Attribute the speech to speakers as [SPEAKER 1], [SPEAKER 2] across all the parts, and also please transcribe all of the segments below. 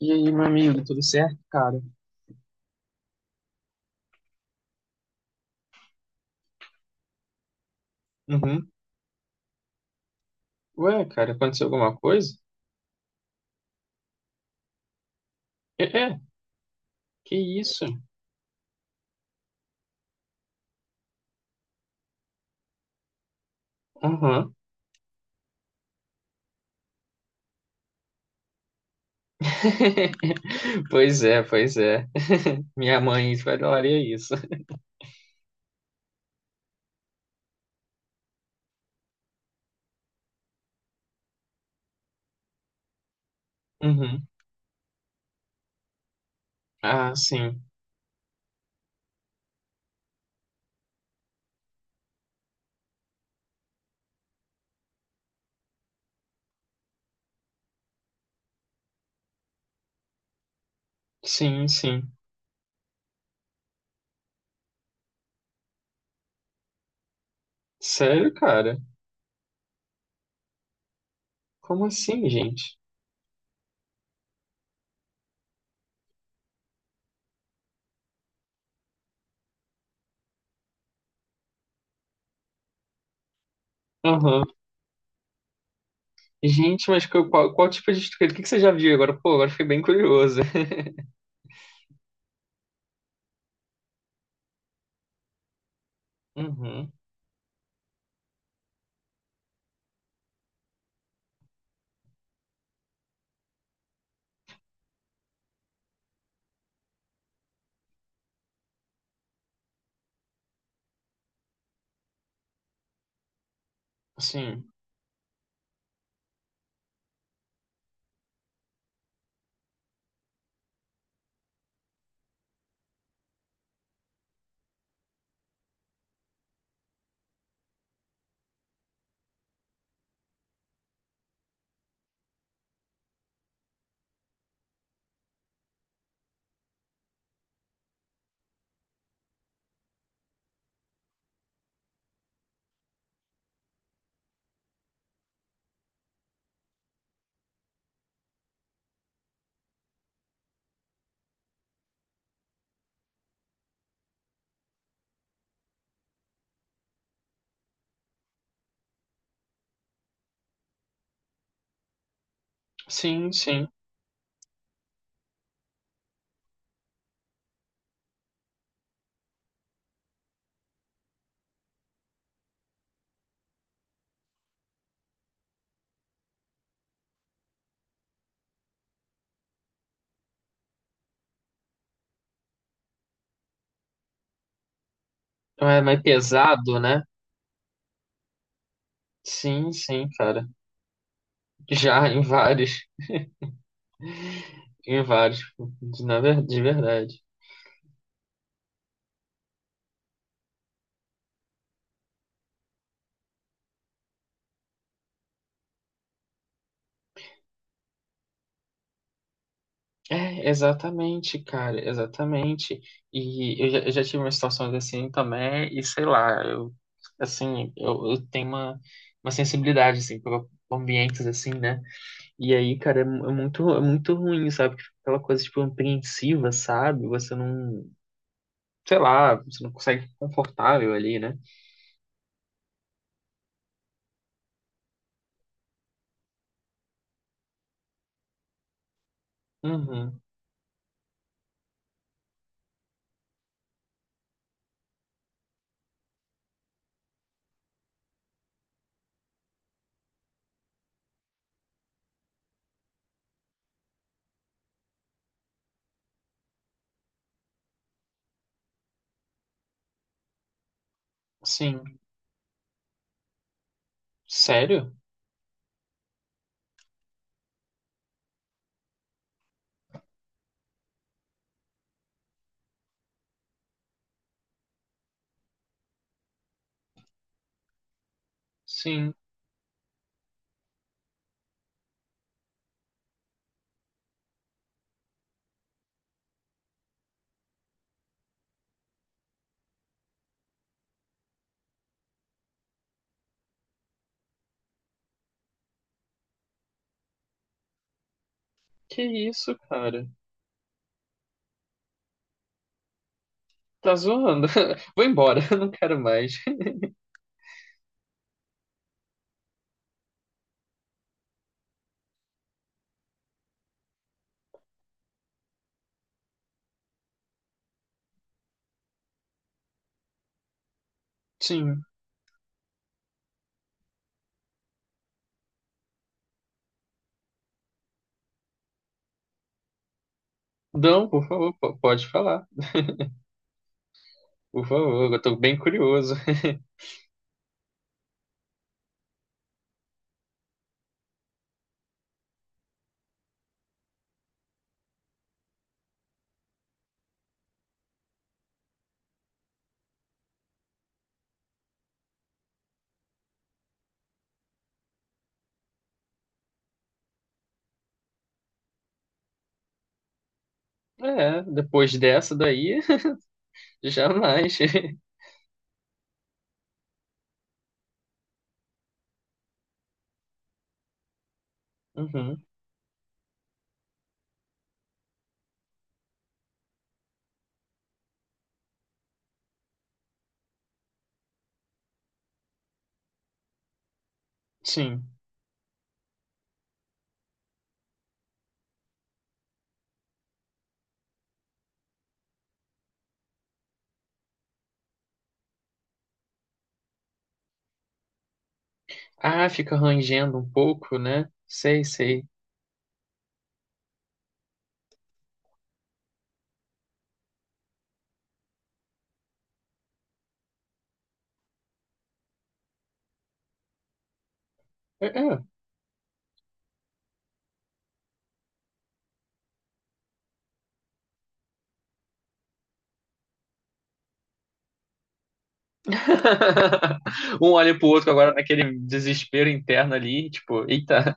[SPEAKER 1] E aí, meu amigo, tudo certo, cara? Uhum. Ué, cara, aconteceu alguma coisa? É, é, que isso? Uhum. Pois é, pois é. Minha mãe falaria isso. Uhum. Ah, sim. Sim, sim. Sério, cara? Como assim, gente? Aham. Gente, qual, qual tipo de estrutura? O que que você já viu agora? Pô, agora fiquei bem curioso. Uhum. Sim. Sim, sim. É mais pesado, né? Sim, sim, cara. Já em vários, de verdade. É, exatamente, cara, exatamente. Eu já tive umas situações assim também, e sei lá, eu, assim, eu tenho uma sensibilidade, assim, para ambientes assim, né? E aí, cara, é muito ruim, sabe? Aquela coisa, tipo, apreensiva, sabe? Você não, sei lá, você não consegue ficar confortável ali, né? Uhum, sim. Sério? Sim. Que isso, cara? Tá zoando. Vou embora, não quero mais. Sim. Não, por favor, pode falar. Por favor, eu tô bem curioso. É, depois dessa daí, jamais. Uhum, sim. Ah, fica rangendo um pouco, né? Sei, sei. É, é. Um olha pro outro agora naquele desespero interno ali, tipo, eita.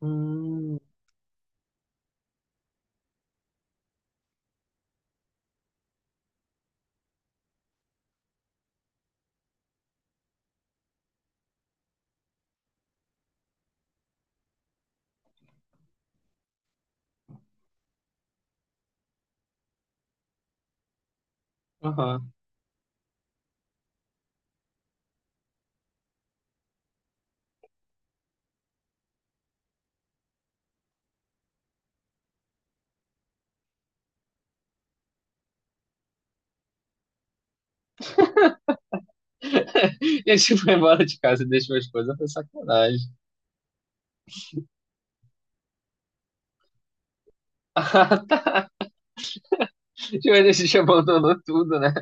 [SPEAKER 1] Hum, aham. E aí você foi embora de casa e deixou as coisas, foi sacanagem. Ah, tá. Tipo, ele se abandonou tudo, né?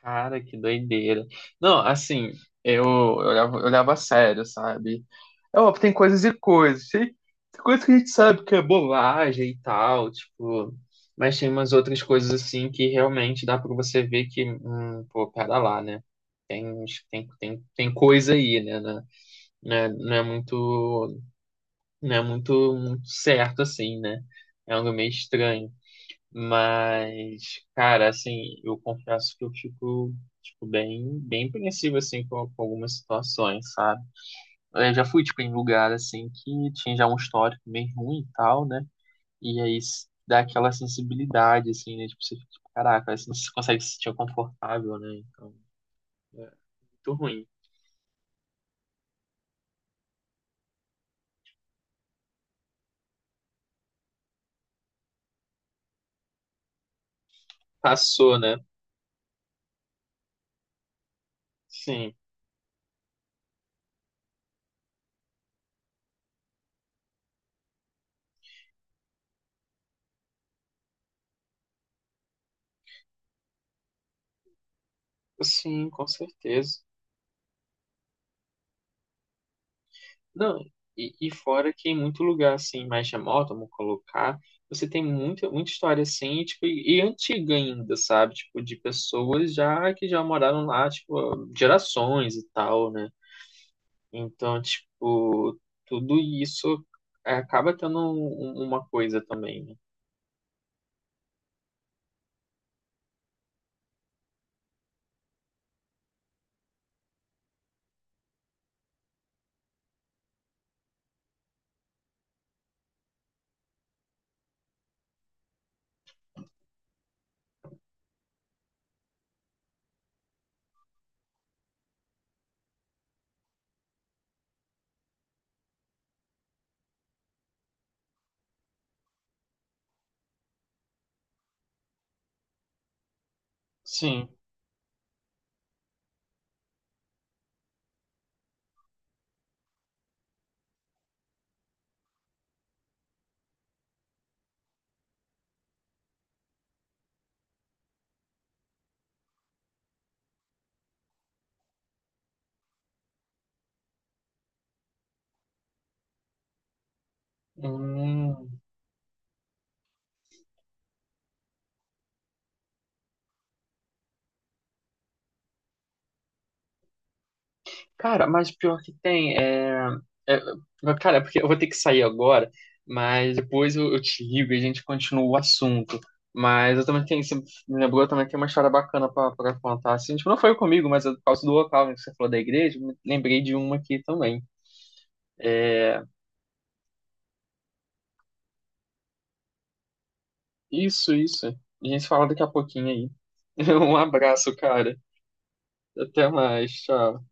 [SPEAKER 1] Cara, que doideira. Não, assim, eu olhava a sério, sabe? É óbvio, tem coisas e coisas. Tem, tem coisas que a gente sabe que é bobagem e tal, tipo. Mas tem umas outras coisas, assim, que realmente dá pra você ver que, pô, pera lá, né? Tem, tem, tem coisa aí, né? Né? Não é, não é muito, não é muito certo, assim, né? É algo meio estranho. Mas, cara, assim, eu confesso que eu fico, tipo, bem, bem apreensivo, assim, com algumas situações, sabe? Eu já fui, tipo, em lugar, assim, que tinha já um histórico bem ruim e tal, né? Dá aquela sensibilidade, assim, né? Tipo, você fica, tipo, caraca, aí você não consegue se sentir confortável, né? Então, é muito ruim. Passou, né? Sim, sim, com certeza. Não, e fora que em muito lugar assim, mais remoto, vamos colocar, você tem muita, muita história assim, e, tipo, e antiga ainda, sabe? Tipo, de pessoas já que já moraram lá, tipo, gerações e tal, né? Então, tipo, tudo isso é, acaba tendo uma coisa também, né? Sim. Hum, cara, mas pior que tem, é... é- é, cara, porque eu vou ter que sair agora, mas depois eu te ligo e a gente continua o assunto. Mas eu também tenho, você me lembrou, eu também tenho uma história bacana pra contar. Assim, tipo, não foi comigo, mas é por causa do local né, que você falou da igreja, eu me lembrei de uma aqui também. Isso, isso. A gente se fala daqui a pouquinho aí. Um abraço, cara. Até mais, tchau.